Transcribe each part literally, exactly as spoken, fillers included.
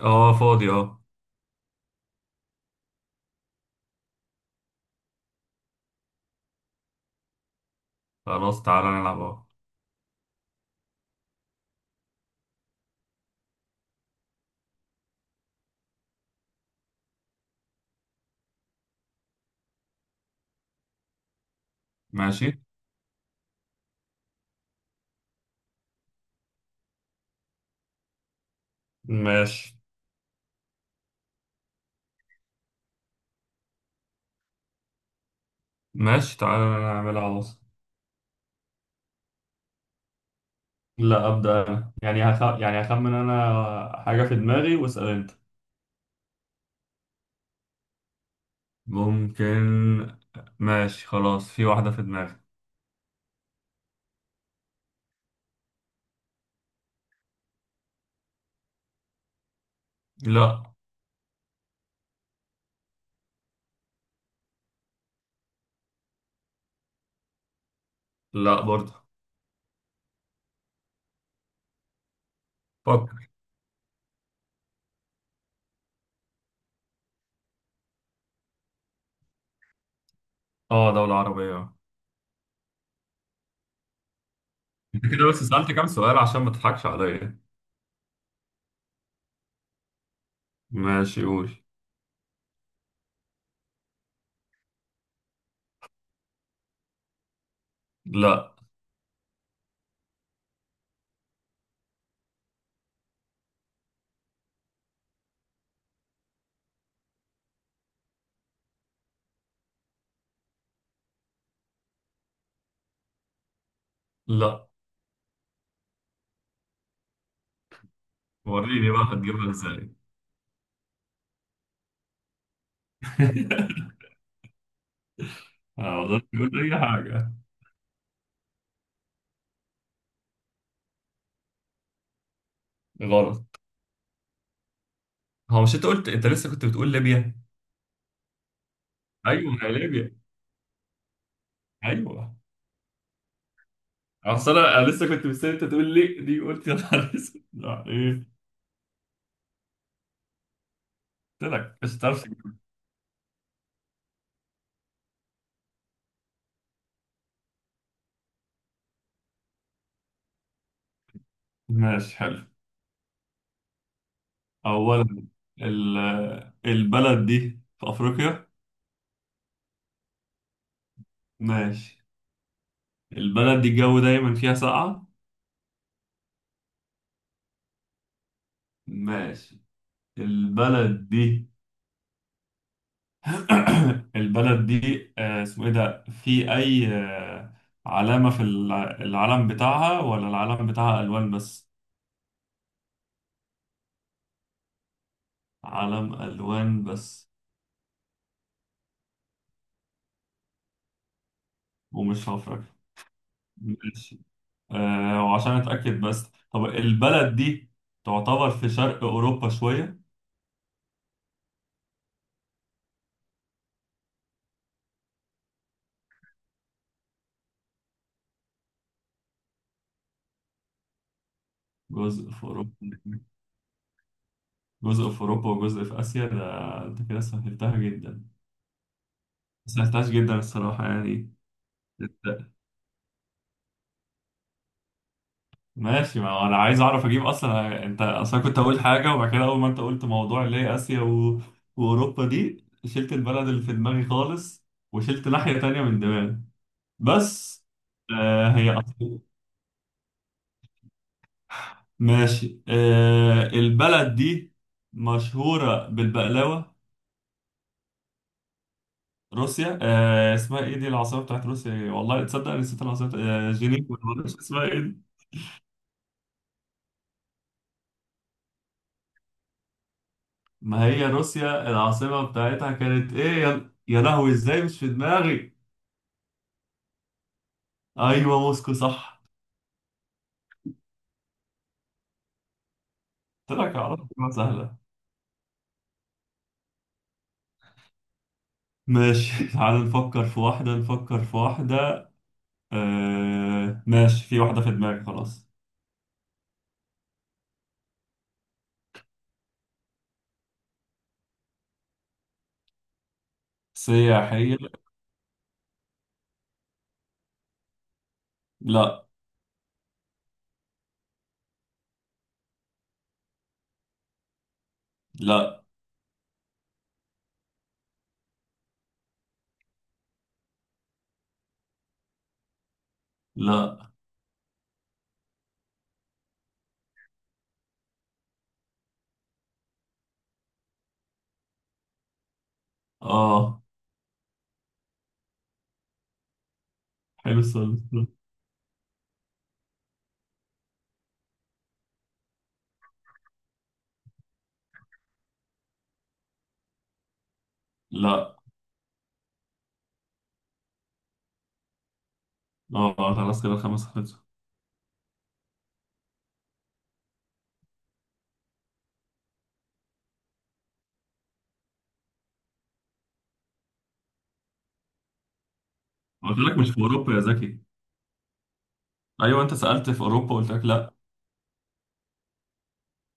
اه فاضي اه. خلاص، تعالى نلعب، اه. ماشي، ماشي، ماشي. تعالى نعملها اهو. لا، أبدأ أنا. يعني هخ... يعني هخمن أنا حاجة في دماغي واسأل أنت. ممكن. ماشي، خلاص. في واحدة في دماغي. لا. لا برضه. فكر. اه، دولة عربية، اه. انت كده بس سألت كام سؤال عشان ما تضحكش عليا؟ ماشي، قول. لا. لا، وريني بقى هتجيبها ازاي؟ أنا ما أقدرش أقول أي حاجة. غلط. هو مش انت قلت؟ انت لسه كنت بتقول ليبيا. ايوه، ما هي ليبيا. ايوه. اصل انا أنا لسه كنت مستني انت تقول لي دي، قلت يا نهار اسود، لا، ايه. قلت لك مش هتعرف تجيبها. ماشي، حلو. اولا، ال- البلد دي في افريقيا؟ ماشي. البلد دي الجو دايما فيها ساقعة؟ ماشي. البلد دي البلد دي آه، اسمه ايه ده في اي آه، علامة في الع- العلم بتاعها، ولا العلم بتاعها الوان بس؟ علم ألوان بس. ومش هفرك. ماشي. آه وعشان أتأكد بس، طب البلد دي تعتبر في شرق أوروبا شوية؟ جزء في أوروبا. جزء في أوروبا وجزء في آسيا، ده أنت كده سهلتها جدا. سهلتهاش جدا الصراحة، يعني. أنت- ماشي، ما هو أنا عايز أعرف أجيب أصلا. أنت أصلا كنت أقول حاجة، وبعد كده أول ما أنت قلت موضوع اللي هي آسيا و... وأوروبا، دي شلت البلد اللي في دماغي خالص، وشلت ناحية تانية من دماغي. بس. آه هي. ماشي. آه البلد دي مشهورة بالبقلاوة؟ روسيا. آه اسمها ايه دي، العاصمة بتاعت روسيا إيه؟ والله تصدق أنا نسيت العاصمة بتاعت- آه جنيف ولا معرفش اسمها ايه دي. ما هي روسيا العاصمة بتاعتها كانت ايه؟ يا, يا لهوي، ازاي مش في دماغي. ايوه، موسكو، صح. قلت لك اعرف. سهلة. ماشي. تعال نفكر في واحدة، نفكر في واحدة. آه ماشي، في واحدة في دماغي خلاص. سياحية؟ لا. لا. لا. اه، حلو السؤال. لا. اه، خلاص كده الخمس خلصوا. قلت لك مش في اوروبا يا زكي. ايوه، انت سالت في اوروبا، قلت لك لا.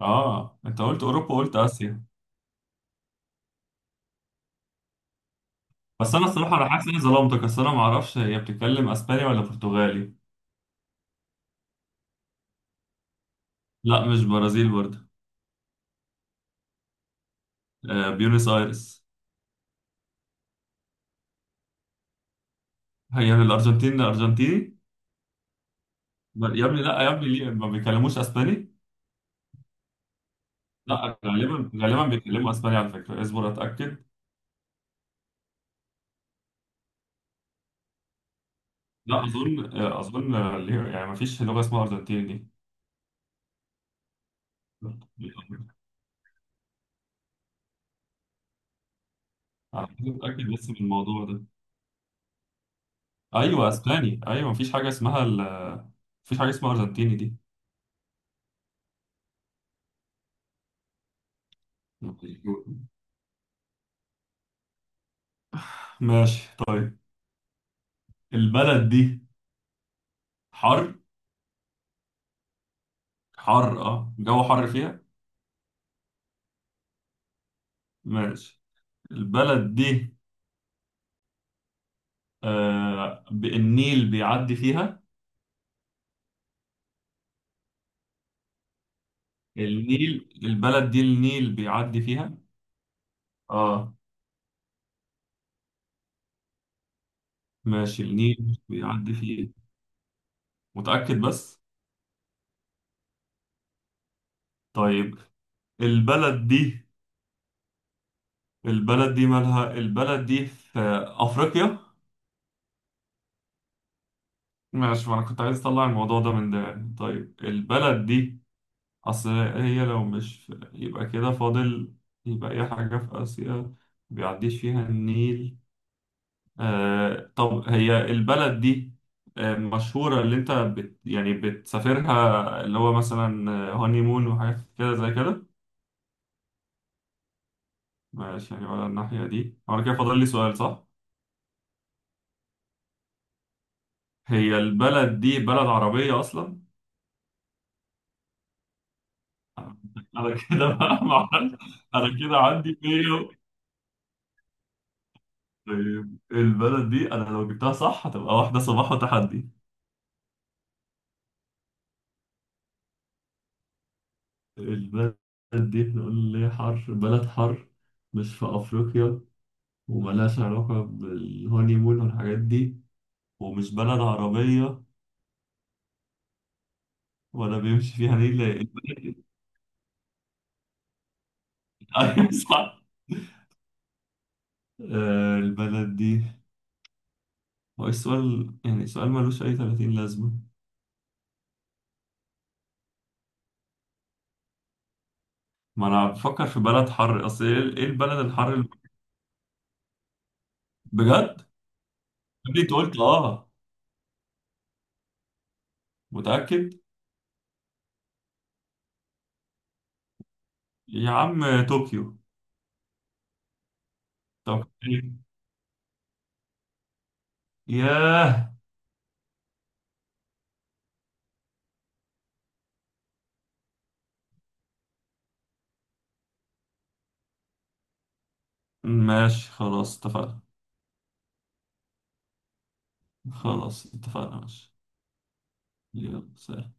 اه، انت قلت اوروبا وقلت اسيا. بس انا الصراحه انا حاسس اني ظلمتك. اصل انا ما اعرفش هي بتتكلم اسباني ولا برتغالي. لا، مش برازيل برضه. آه بيونس ايرس. هي من الارجنتين، ارجنتيني. ب- يا ابني لا، يا ابني ليه ما بيكلموش اسباني؟ لا، غالبا غالبا بيتكلموا اسباني على فكره، اصبر اتاكد. لا اظن، آه، اظن آه، ليه- يعني ما فيش لغه اسمها ارجنتيني دي. على فكرة اتاكد بس من الموضوع ده. ايوه اسباني، ايوه مفيش حاجه اسمها ال... مفيش حاجه اسمها ارجنتيني دي. ماشي طيب، البلد دي حر؟ حر. اه الجو حر فيها. ماشي. البلد دي، آه ب- النيل بيعدي فيها؟ النيل، البلد دي النيل بيعدي فيها. اه، ماشي، النيل بيعدي فيها. متأكد بس؟ طيب البلد دي البلد دي مالها، البلد دي في أفريقيا؟ ماشي، ما انا كنت عايز اطلع الموضوع ده من ده يعني. طيب البلد دي، اصل هي لو مش في- يبقى كده فاضل. يبقى اي حاجة في اسيا. بيعديش فيها النيل. آه طب هي البلد دي، آه مشهورة اللي انت بت يعني بتسافرها، اللي هو مثلا هاني مون وحاجات كده زي كده؟ ماشي، يعني ولا الناحية دي، وانا كده فاضل لي سؤال صح؟ هي البلد دي بلد عربية اصلا؟ انا كده بقى، معرفش، انا كده عندي. طيب البلد دي، انا لو جبتها صح هتبقى واحدة صباح وتحدي. البلد دي هنقول ليه حر، بلد حر، مش في افريقيا، وملهاش علاقة بالهوني مون والحاجات دي، ومش بلد عربية. ولا بيمشي فيها نيل البلد- ايوه صح. آه، البلد دي. هو إيه السؤال؟ يعني سؤال ملوش اي ثلاثين لازمة. ما انا بفكر في بلد حر، اصل ايه، إيه البلد الحر الم- بجد؟ قبل انت قلت اه. متأكد؟ يا عم طوكيو. طب إيه؟ ياه. ماشي، خلاص اتفقنا. خلاص اتفقنا، ماشي. يلا، سلام.